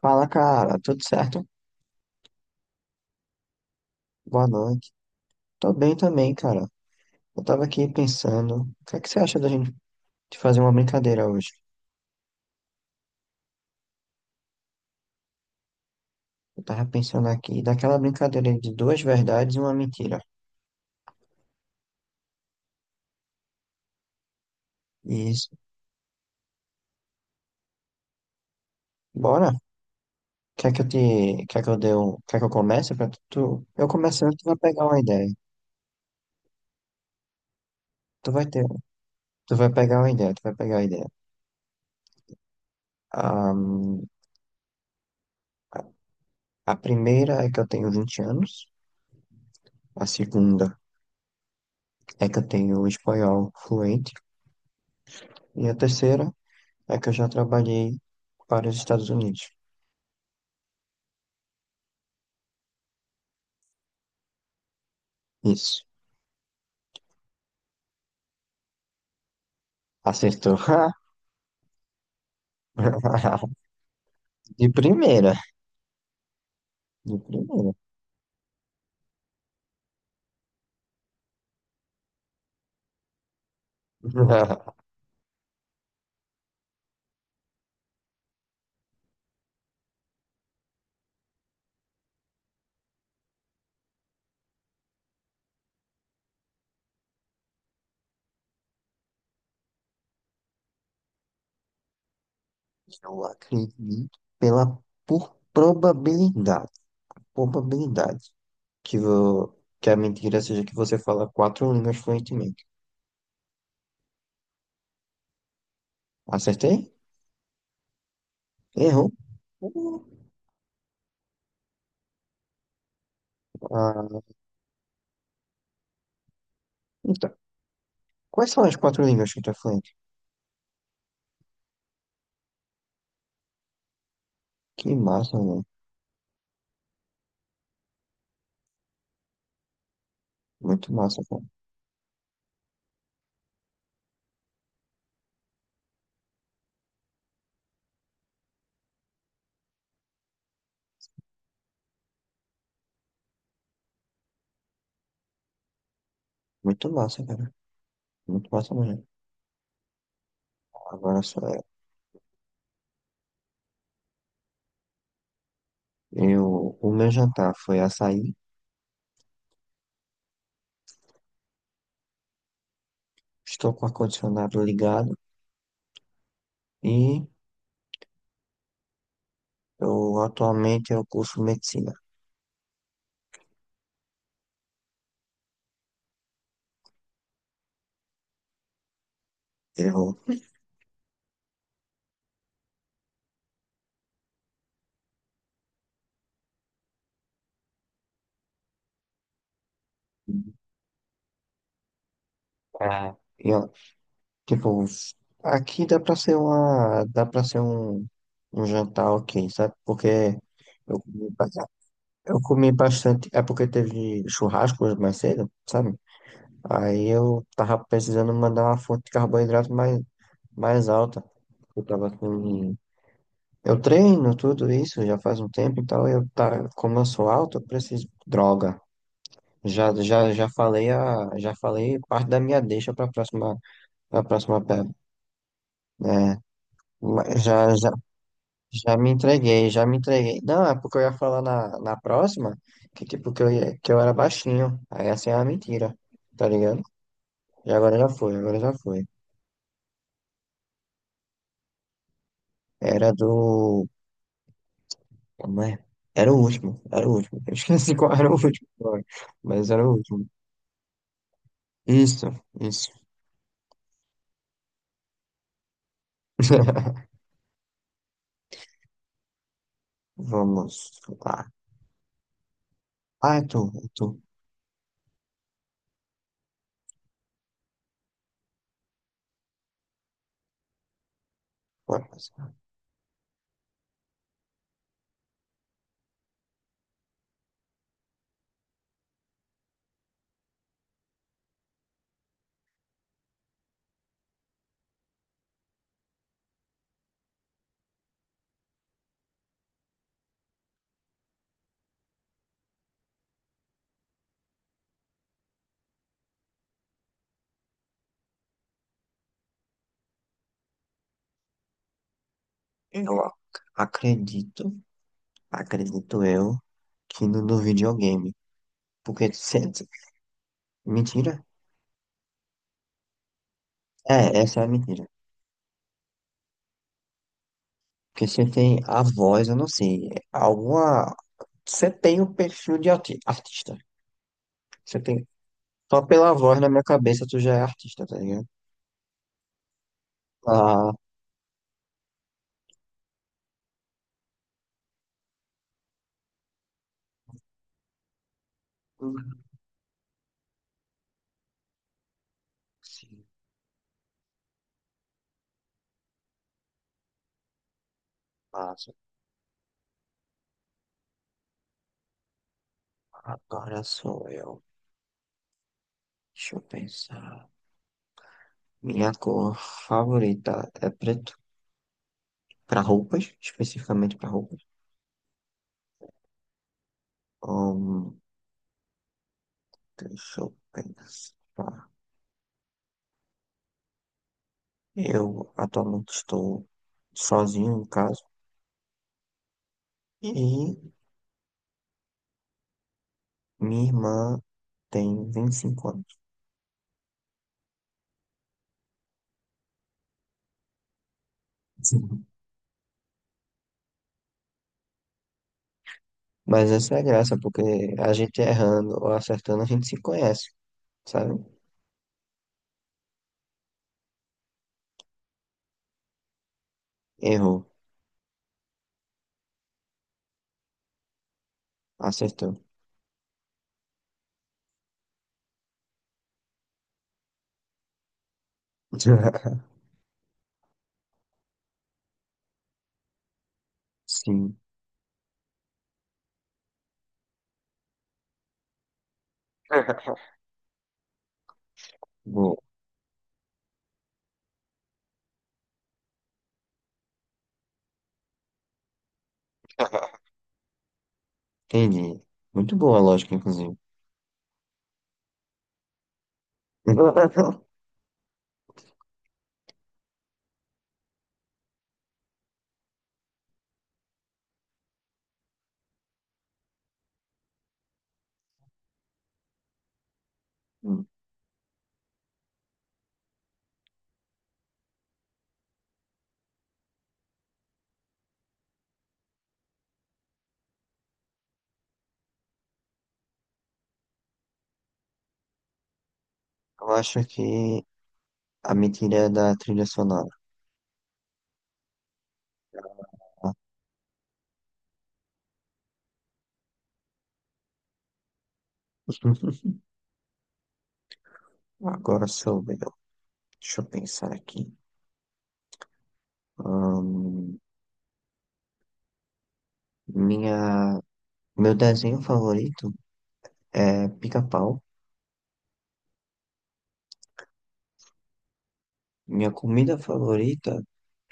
Fala, cara, tudo certo? Boa noite. Tô bem também, cara. Eu tava aqui pensando, o que é que você acha da gente de fazer uma brincadeira hoje? Eu tava pensando aqui, daquela brincadeira de duas verdades e uma mentira. Isso. Bora? Quer que eu te, quer que eu dê um, Quer que eu comece pra tu? Eu começando, tu vai pegar uma ideia. Tu vai ter, tu vai pegar uma ideia, tu vai pegar a ideia. Ahn, a primeira é que eu tenho 20 anos, a segunda é que eu tenho espanhol fluente, e a terceira é que eu já trabalhei para os Estados Unidos. Isso. Acertou. De primeira. De primeira. Eu acredito pela por probabilidade. Probabilidade. Que, vo, que a mentira seja que você fala quatro línguas fluentemente. Acertei? Errou? Uh, Ah, então, quais são as quatro línguas que tu é fluente? Que massa, mano. Muito massa, cara. Muito massa, cara. Muito massa mesmo. Agora só. Eu, o meu jantar foi açaí, estou com o ar-condicionado ligado e eu atualmente eu curso medicina. Eu, ah, eu, tipo, aqui dá pra ser uma, dá pra ser um, um jantar ok, sabe? Porque eu comi, ba- eu comi bastante, é porque teve churrasco hoje mais cedo, sabe? Aí eu tava precisando mandar uma fonte de carboidrato mais alta. Eu tava com. Eu treino tudo isso já faz um tempo, então como eu sou alto, eu preciso droga. Já falei a já falei parte da minha deixa para próxima pedra. É, mas já me entreguei, já me entreguei. Não, é porque eu ia falar na próxima que tipo que eu ia, que eu era baixinho. Aí essa é uma mentira, tá ligado? E agora já foi, agora já foi. Era do, como é? Era o último, era o último. Eu esqueci qual era o último, agora, mas era o último. Isso. Isso. Vamos lá. Ah, é tu, é tu. Bora passar. Eu ac- acredito, Acredito eu, que no, do videogame. Porque se... Mentira? É, essa é a mentira. Porque você tem a voz, eu não sei, alguma... Você tem o perfil de artista. Você tem... Só pela voz na minha cabeça tu já é artista, tá ligado? Ah, sim, passa. Agora sou eu. Deixa eu pensar. Minha cor favorita é preto. Para roupas, especificamente para roupas. Hum, deixa eu pensar. Eu atualmente estou sozinho em casa e minha irmã tem 25 anos. Sim. Mas essa é a graça, porque a gente errando ou acertando, a gente se conhece, sabe? Errou, acertou. Sim, boa. Entendi. Muito boa a lógica, inclusive. Eu acho que a mentira é da trilha sonora. Agora sou eu. Deixa eu pensar aqui. Ahn, minha, Meu desenho favorito é pica-pau. Minha comida favorita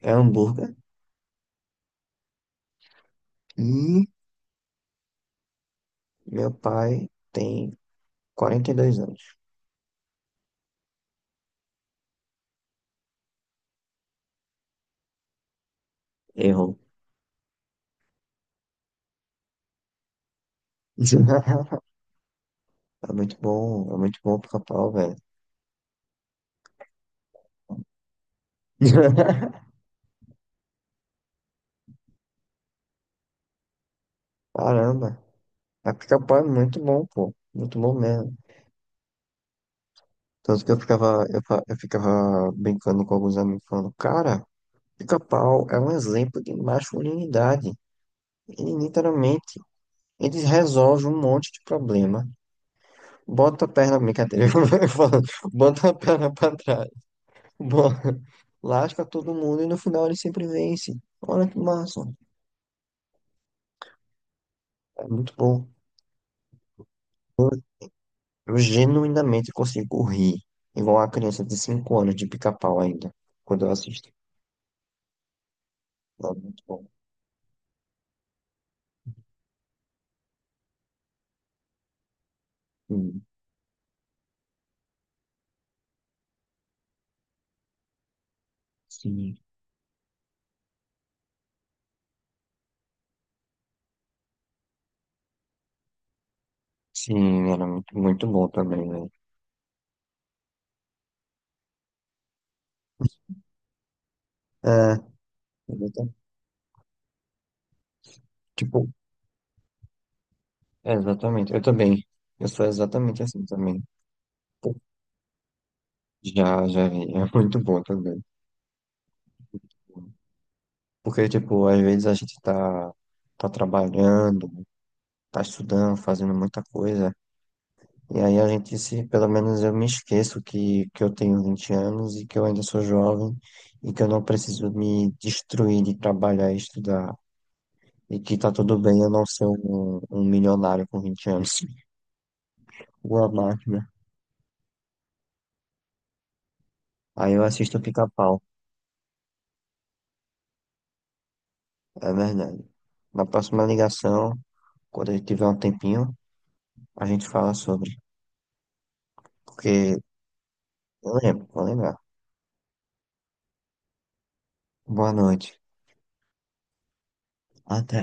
é hambúrguer. E meu pai tem 42 anos. Errou. É muito bom o pica-pau, velho. Caramba, a pica-pau é muito bom, pô. Muito bom mesmo. Tanto que eu ficava brincando com alguns amigos falando, cara. Pica-pau é um exemplo de masculinidade. Ele literalmente, eles resolvem um monte de problema. Bota a perna, brincadeira, eu falo, bota a perna pra trás. bo- Lasca todo mundo e no final ele sempre vence. Olha que massa. É muito bom. Eu, eu genuinamente consigo rir, igual a criança de 5 anos de pica-pau ainda, quando eu assisto. É muito bom. Hum. Sim, sim, era muito, muito bom também, né? É, eu tô- tipo, É, exatamente, eu também. Eu sou exatamente assim também. Pô, já, já vi. É muito bom também. Porque, tipo, às vezes a gente tá, tá trabalhando, tá estudando, fazendo muita coisa. E aí a gente se, pelo menos eu me esqueço que eu tenho 20 anos e que eu ainda sou jovem e que eu não preciso me destruir de trabalhar e estudar. E que tá tudo bem eu não ser um milionário com 20 anos. Uma máquina. Aí eu assisto o Pica-Pau. É verdade. Na próxima ligação. Quando a gente tiver um tempinho, a gente fala sobre. Porque eu lembro, vou lembrar. Boa noite. Até.